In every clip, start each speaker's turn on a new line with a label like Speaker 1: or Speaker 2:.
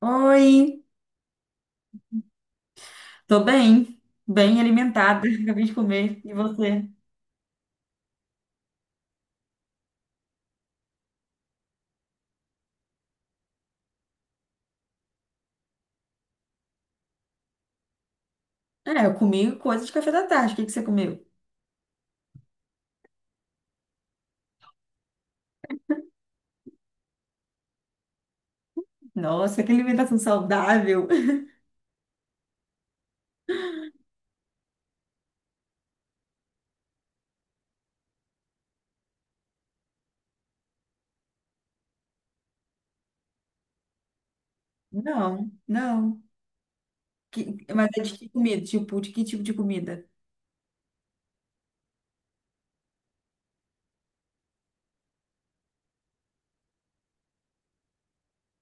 Speaker 1: Oi, tô bem, bem alimentada, acabei de comer. E você? É, eu comi coisa de café da tarde. O que que você comeu? Nossa, que alimentação saudável. Não, não. Mas é de que comida? Tipo, de que tipo de comida?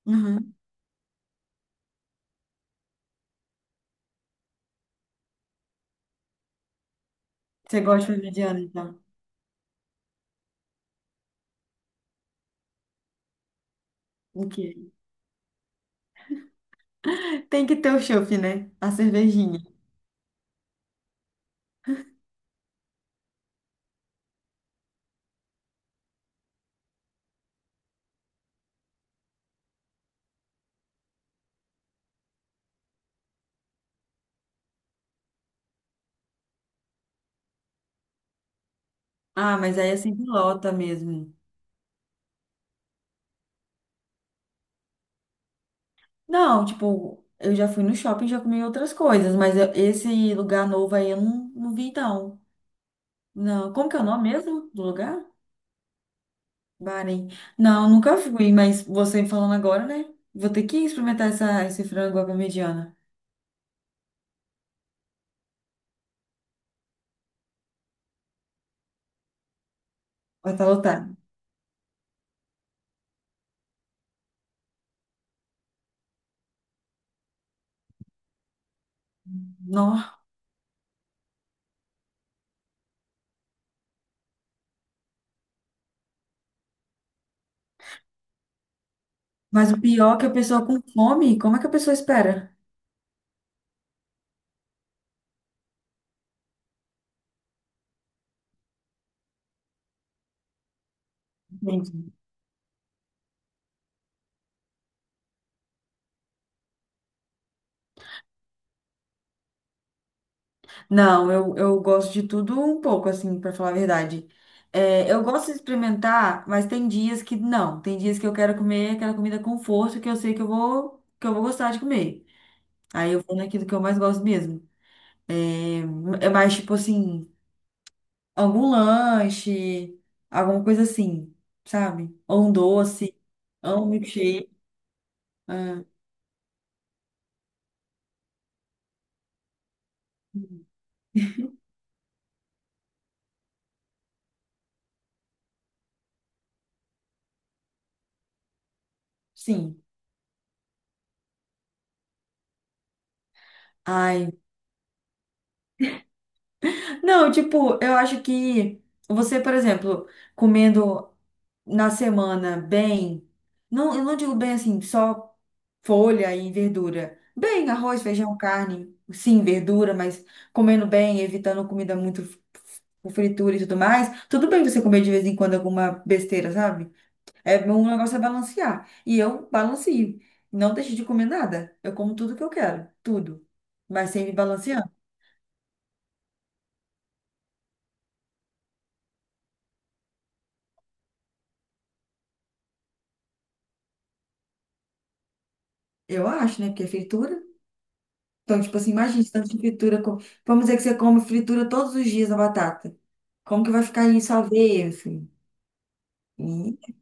Speaker 1: Uhum. Você gosta de mediana, então? O quê? Tem que ter o chopp, né? A cervejinha. Ah, mas aí é sempre lota mesmo. Não, tipo, eu já fui no shopping e já comi outras coisas, mas esse lugar novo aí eu não, não vi, não. Não. Como que é o nome mesmo do lugar? Bahrein. Não, nunca fui, mas você falando agora, né? Vou ter que experimentar essa, esse frango à parmegiana. Vai estar lotado. Não, mas o pior é que a pessoa com fome, como é que a pessoa espera? Entendi. Não, eu gosto de tudo um pouco, assim, pra falar a verdade. É, eu gosto de experimentar, mas tem dias que não. Tem dias que eu quero comer aquela comida com força que eu sei que eu vou gostar de comer. Aí eu vou naquilo que eu mais gosto mesmo. É, é mais tipo assim. Algum lanche, alguma coisa assim, sabe? Ou um doce, ou um milkshake. Ah, sim. Ai. Não, tipo, eu acho que você, por exemplo, comendo na semana bem, não, eu não digo bem assim, só folha e verdura. Bem, arroz, feijão, carne, sim, verdura, mas comendo bem, evitando comida muito com fritura e tudo mais. Tudo bem você comer de vez em quando alguma besteira, sabe? É, o negócio é balancear. E eu balanceio. Não deixo de comer nada. Eu como tudo que eu quero. Tudo. Mas sempre balanceando. Eu acho, né? Porque é fritura. Então, tipo assim, imagina tanto de fritura. Vamos dizer que você come fritura todos os dias a batata. Como que vai ficar isso a ver, assim? E...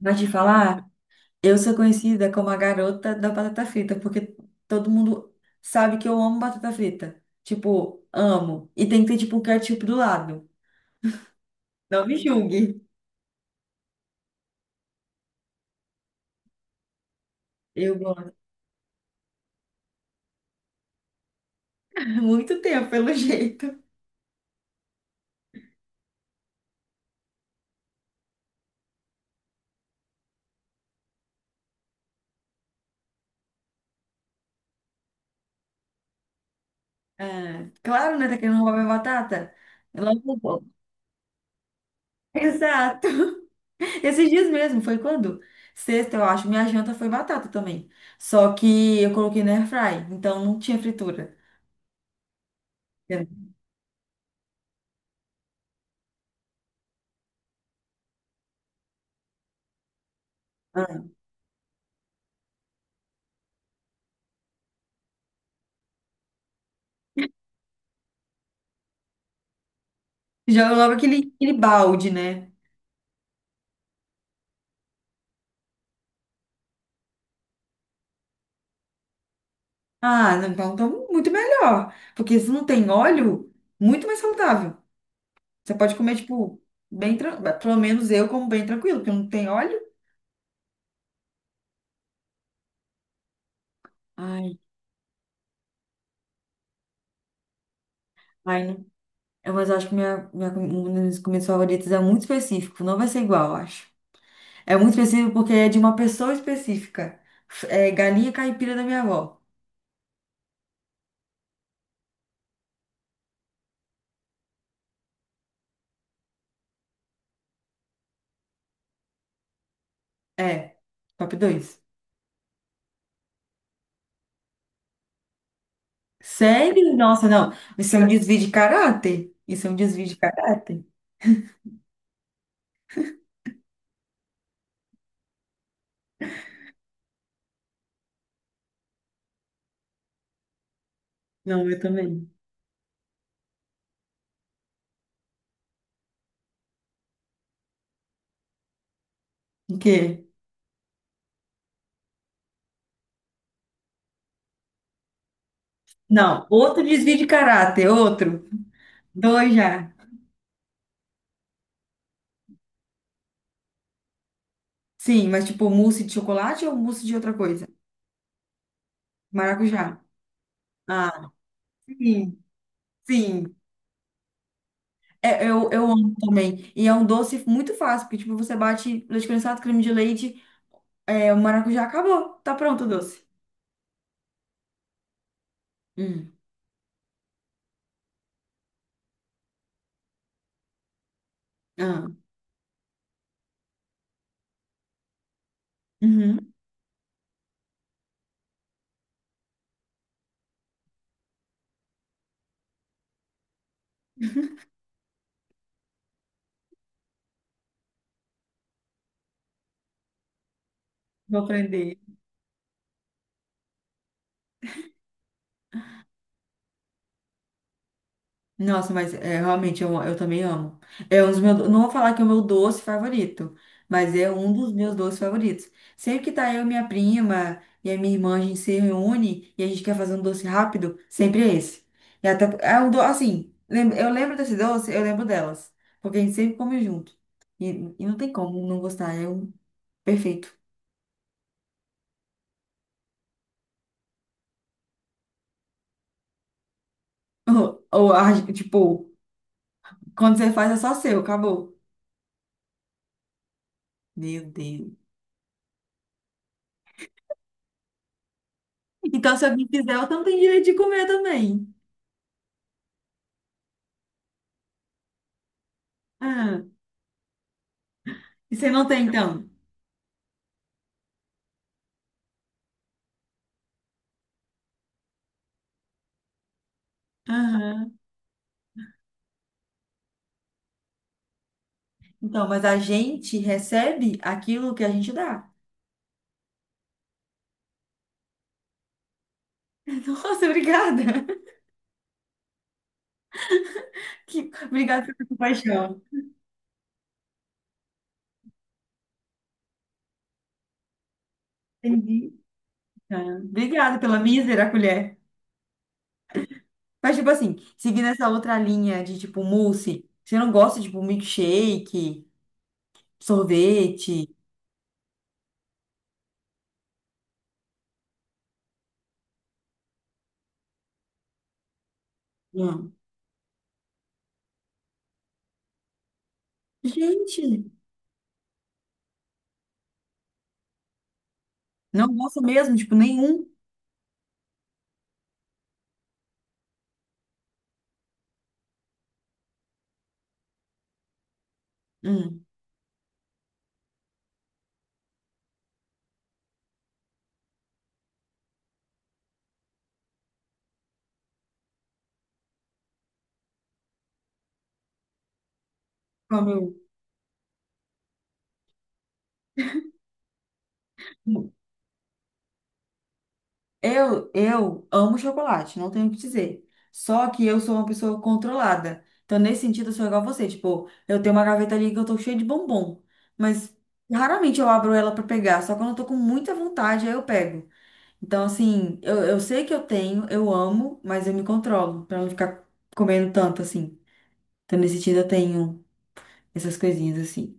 Speaker 1: Mas te falar, eu sou conhecida como a garota da batata frita, porque todo mundo sabe que eu amo batata frita. Tipo, amo. E tem que ter, tipo, um ketchup do lado. Não me julgue. Eu gosto. Muito tempo, pelo jeito. Ah, claro, né? Tá querendo roubar minha batata? Ela roubou. Exato. Esses dias mesmo, foi quando? Sexta, eu acho. Minha janta foi batata também. Só que eu coloquei na airfry, então não tinha fritura. Ah. Joga logo aquele, aquele balde, né? Ah, não, então, então muito melhor. Porque se não tem óleo, muito mais saudável. Você pode comer, tipo, bem tranquilo. Pelo menos eu como bem tranquilo, porque não tem óleo. Ai, ai, é. Mas eu acho que minha uma das comidas é muito específico. Não vai ser igual, eu acho. É muito específico porque é de uma pessoa específica. É galinha caipira da minha avó. É, top dois. Sério? Nossa, não. Isso é um desvio de caráter. Isso é um desvio de caráter. Não, eu também. O quê? Não, outro desvio de caráter, outro. Dois já. Sim, mas tipo mousse de chocolate ou mousse de outra coisa? Maracujá. Ah, sim, sim. É, eu amo também. E é um doce muito fácil, porque, tipo, você bate leite condensado, creme de leite, é, o maracujá acabou. Tá pronto o doce. Hum. Ah. Uhum. Vou aprender. Nossa, mas é, realmente eu também amo. É um dos meus, não vou falar que é o meu doce favorito, mas é um dos meus doces favoritos. Sempre que tá eu e minha prima e a minha irmã, a gente se reúne e a gente quer fazer um doce rápido, sempre é esse. E até, é um doce, assim, eu lembro desse doce, eu lembro delas, porque a gente sempre come junto. E, e não tem como não gostar, é um perfeito. Ou, ou tipo, quando você faz é só seu, acabou. Meu Deus. Então, se alguém quiser, eu também tenho direito de comer também. Ah. E você não tem, então? Aham. Então, mas a gente recebe aquilo que a gente dá. Nossa, obrigada. Que... obrigada pela compaixão. Entendi. Ah, obrigada pela mísera colher. Mas, tipo assim, seguindo essa outra linha de, tipo, mousse, você não gosta de, tipo, milkshake, sorvete? Não. Gente, não gosta mesmo, tipo, nenhum. Hum. Como eu. Eu amo chocolate, não tenho o que dizer. Só que eu sou uma pessoa controlada. Então, nesse sentido, eu sou igual a você. Tipo, eu tenho uma gaveta ali que eu tô cheia de bombom. Mas raramente eu abro ela pra pegar. Só quando eu tô com muita vontade, aí eu pego. Então, assim, eu sei que eu tenho, eu amo, mas eu me controlo pra não ficar comendo tanto assim. Então, nesse sentido, eu tenho essas coisinhas assim.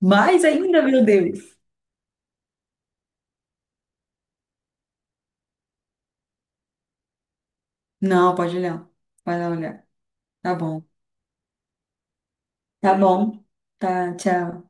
Speaker 1: Mais ainda, meu Deus! Não, pode olhar. Vai lá olhar. Tá bom. Tá bom. Tá, tchau.